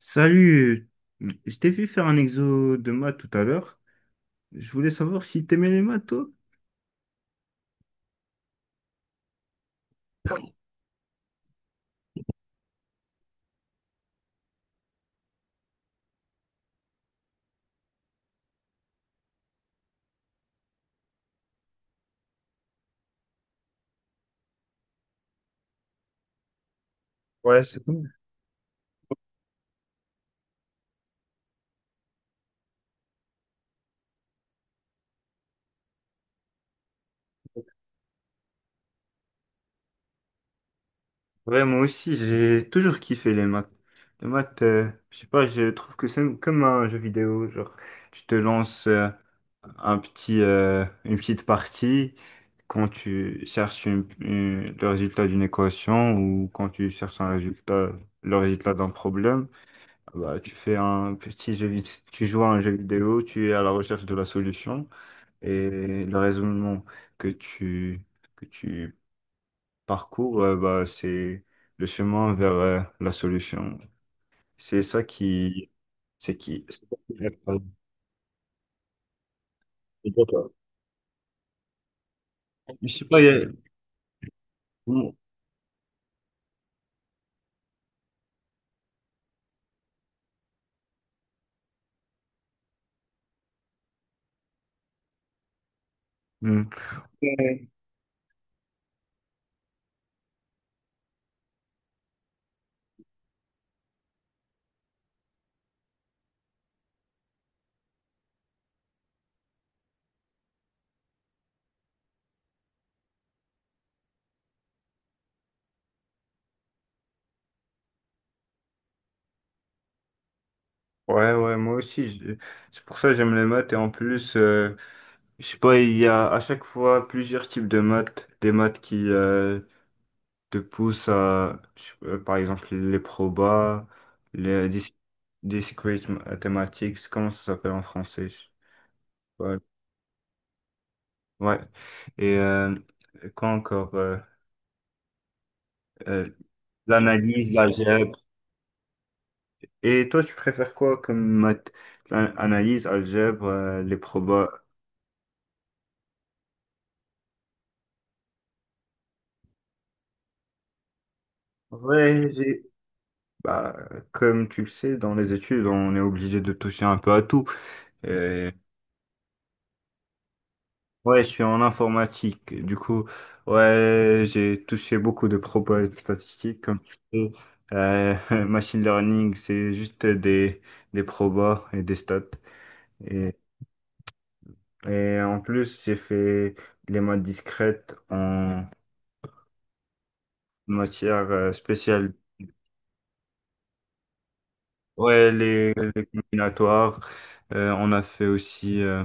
Salut, je t'ai vu faire un exo de maths tout à l'heure. Je voulais savoir si t'aimais les maths, toi? Ouais, c'est cool. Ouais, moi aussi, j'ai toujours kiffé les maths. Les maths, je sais pas, je trouve que c'est comme un jeu vidéo. Genre, tu te lances un petit, une petite partie quand tu cherches le résultat d'une équation ou quand tu cherches un résultat, le résultat d'un problème. Bah, tu fais un petit tu joues à un jeu vidéo, tu es à la recherche de la solution et le raisonnement que tu, que tu parcours, bah, c'est le chemin vers la solution. C'est ça qui. C'est ça qui est- pardon. Et toi. Je sais pas, il y a- Mm. Mm. Ouais, ouais, moi aussi, c'est pour ça que j'aime les maths et en plus, je sais pas, il y a à chaque fois plusieurs types de maths, des maths qui te pousse à, par exemple, les probas, les dis- discrete mathematics, comment ça s'appelle en français? Ouais. Ouais. Et quoi encore? Euh, l'analyse, l'algèbre. Et toi, tu préfères quoi comme math? Analyse, algèbre, les probas. Ouais, bah, comme tu le sais, dans les études, on est obligé de toucher un peu à tout. Et ouais, je suis en informatique. Du coup, ouais, j'ai touché beaucoup de propos statistiques. Comme tu sais, Euh, machine learning, c'est juste des probas et des stats. Et, et en plus, j'ai fait les maths discrètes en matière spéciale. Ouais, les combinatoires. On a fait aussi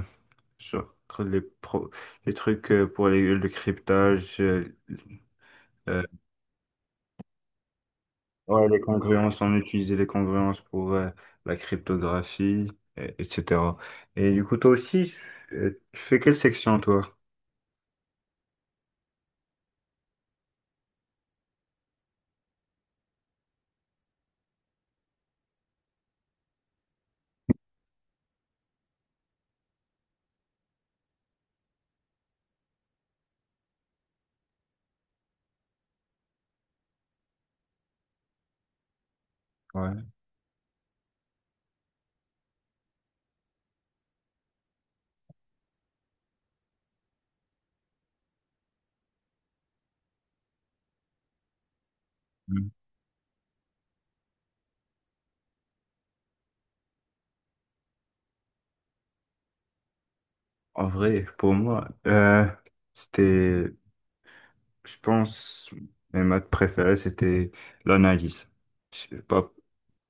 sur les, pro- les trucs pour le cryptage. Euh, ouais, les congruences, on utilisait les congruences pour la cryptographie, etc. Et du coup, toi aussi, tu fais quelle section, toi? Ouais. Mm. En vrai, pour moi, c'était, je pense, mes maths préférées, c'était l'analyse. Je sais pas.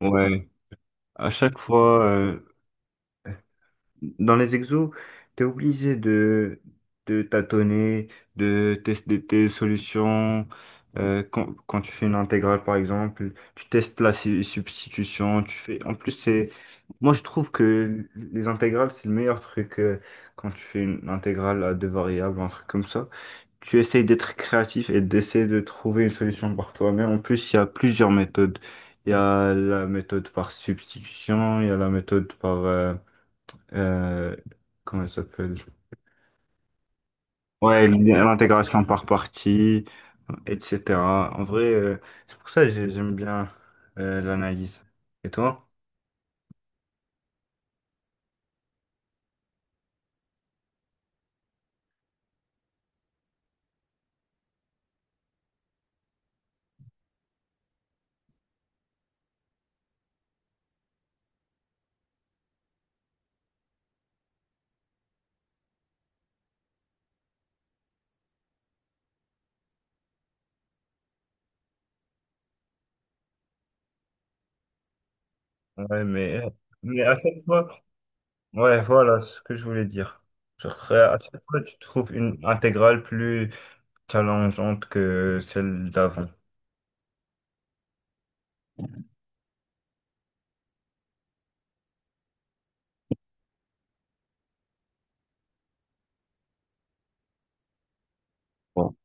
Ouais. À chaque fois, dans les exos, tu es obligé de tâtonner, de tester tes solutions. Quand tu fais une intégrale, par exemple, tu testes substitution. Tu fais... En plus, c'est... Moi, je trouve que les intégrales, c'est le meilleur truc quand tu fais une intégrale à deux variables, un truc comme ça. Tu essayes d'être créatif et d'essayer de trouver une solution par toi-même. En plus, il y a plusieurs méthodes. Il y a la méthode par substitution, il y a la méthode par... euh, comment elle s'appelle? Ouais, l'intégration par partie, etc. En vrai, c'est pour ça que j'aime bien l'analyse. Et toi? Ouais, mais à chaque fois, ouais, voilà ce que je voulais dire. Genre, à chaque fois, tu trouves une intégrale plus challengeante que celle d'avant. Bon.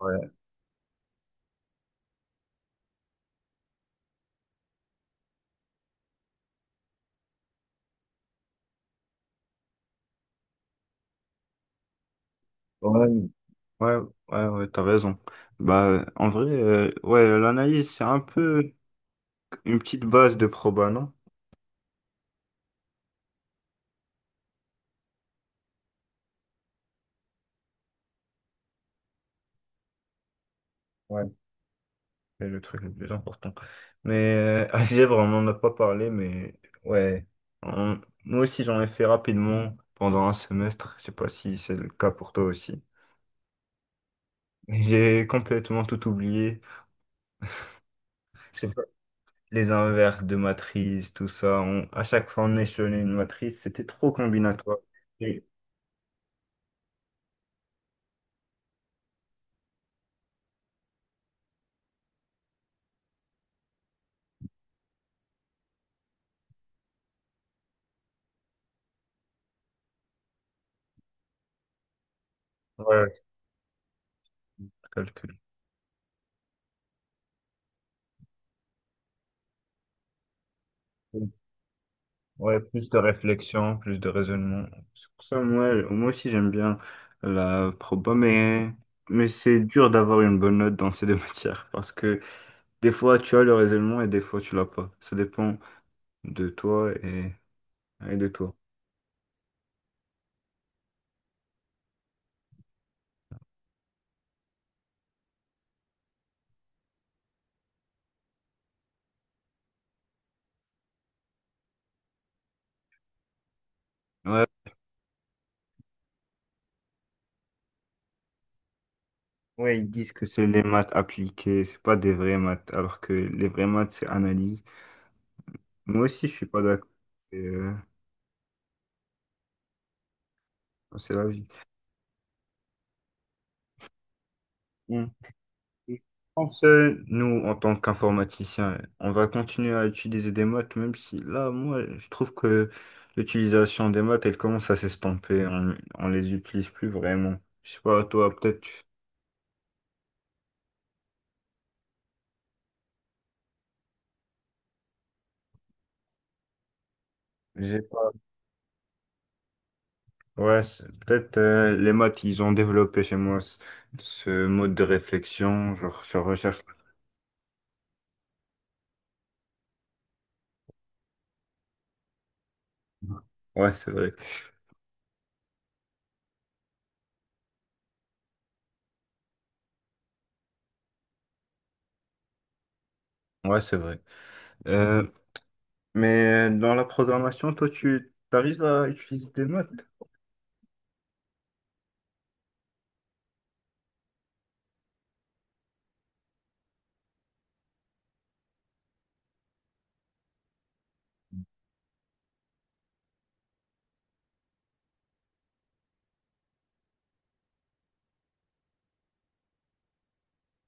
Ouais, ouais, ouais, ouais, t'as raison. Bah, en vrai, ouais, l'analyse, c'est un peu une petite base de proba, non? C'est le truc le plus important. Mais algèbre, on n'en a pas parlé, mais ouais. On- moi aussi, j'en ai fait rapidement pendant un semestre. Je sais pas si c'est le cas pour toi aussi. Mais j'ai complètement tout oublié. Je pas, les inverses de matrices, tout ça. On... À chaque fois, on échelonnait une matrice. C'était trop combinatoire. Et... ouais, calcul. Ouais, plus de réflexion, plus de raisonnement. C'est pour ça, moi aussi, j'aime bien la proba, mais c'est dur d'avoir une bonne note dans ces deux matières parce que des fois, tu as le raisonnement et des fois, tu l'as pas. Ça dépend de toi et, et de toi. Ouais, ouais, ils disent que c'est les maths appliquées, c'est pas des vraies maths, alors que les vraies maths, c'est analyse. Moi aussi, je suis pas d'accord. Et, c'est la vie. Je pense, nous, en tant qu'informaticiens, on va continuer à utiliser des maths, même si là, moi, je trouve que l'utilisation des maths, elle commence à s'estomper. On les utilise plus vraiment. Je sais pas, toi, peut-être, j'ai pas. Ouais, c'est- peut-être les maths, ils ont développé chez moi ce mode de réflexion, genre sur recherche. Ouais, c'est vrai. Ouais, c'est vrai. Euh, mais dans la programmation, toi, tu arrives à utiliser des maths?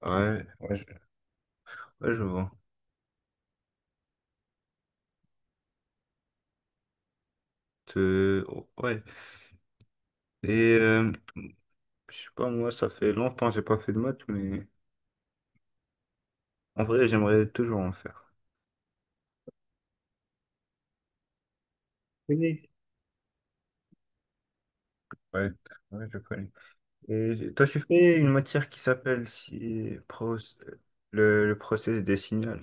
Ouais, ouais, je vois. Oh, ouais. Et je sais pas, moi, ça fait longtemps que j'ai pas fait de maths, mais en vrai, j'aimerais toujours en faire. Oui. Ouais, ouais, je connais. Et toi, tu fais une matière qui s'appelle si, pro- le processus des signaux.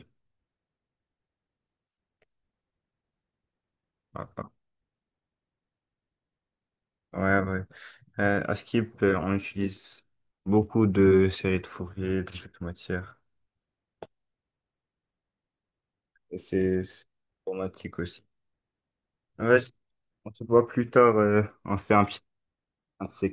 Ah, ah. Ouais, ouais. À Skip, on utilise beaucoup de séries de Fourier, de cette matière. C'est informatique aussi. Ouais, on se voit plus tard, on fait un petit un de ces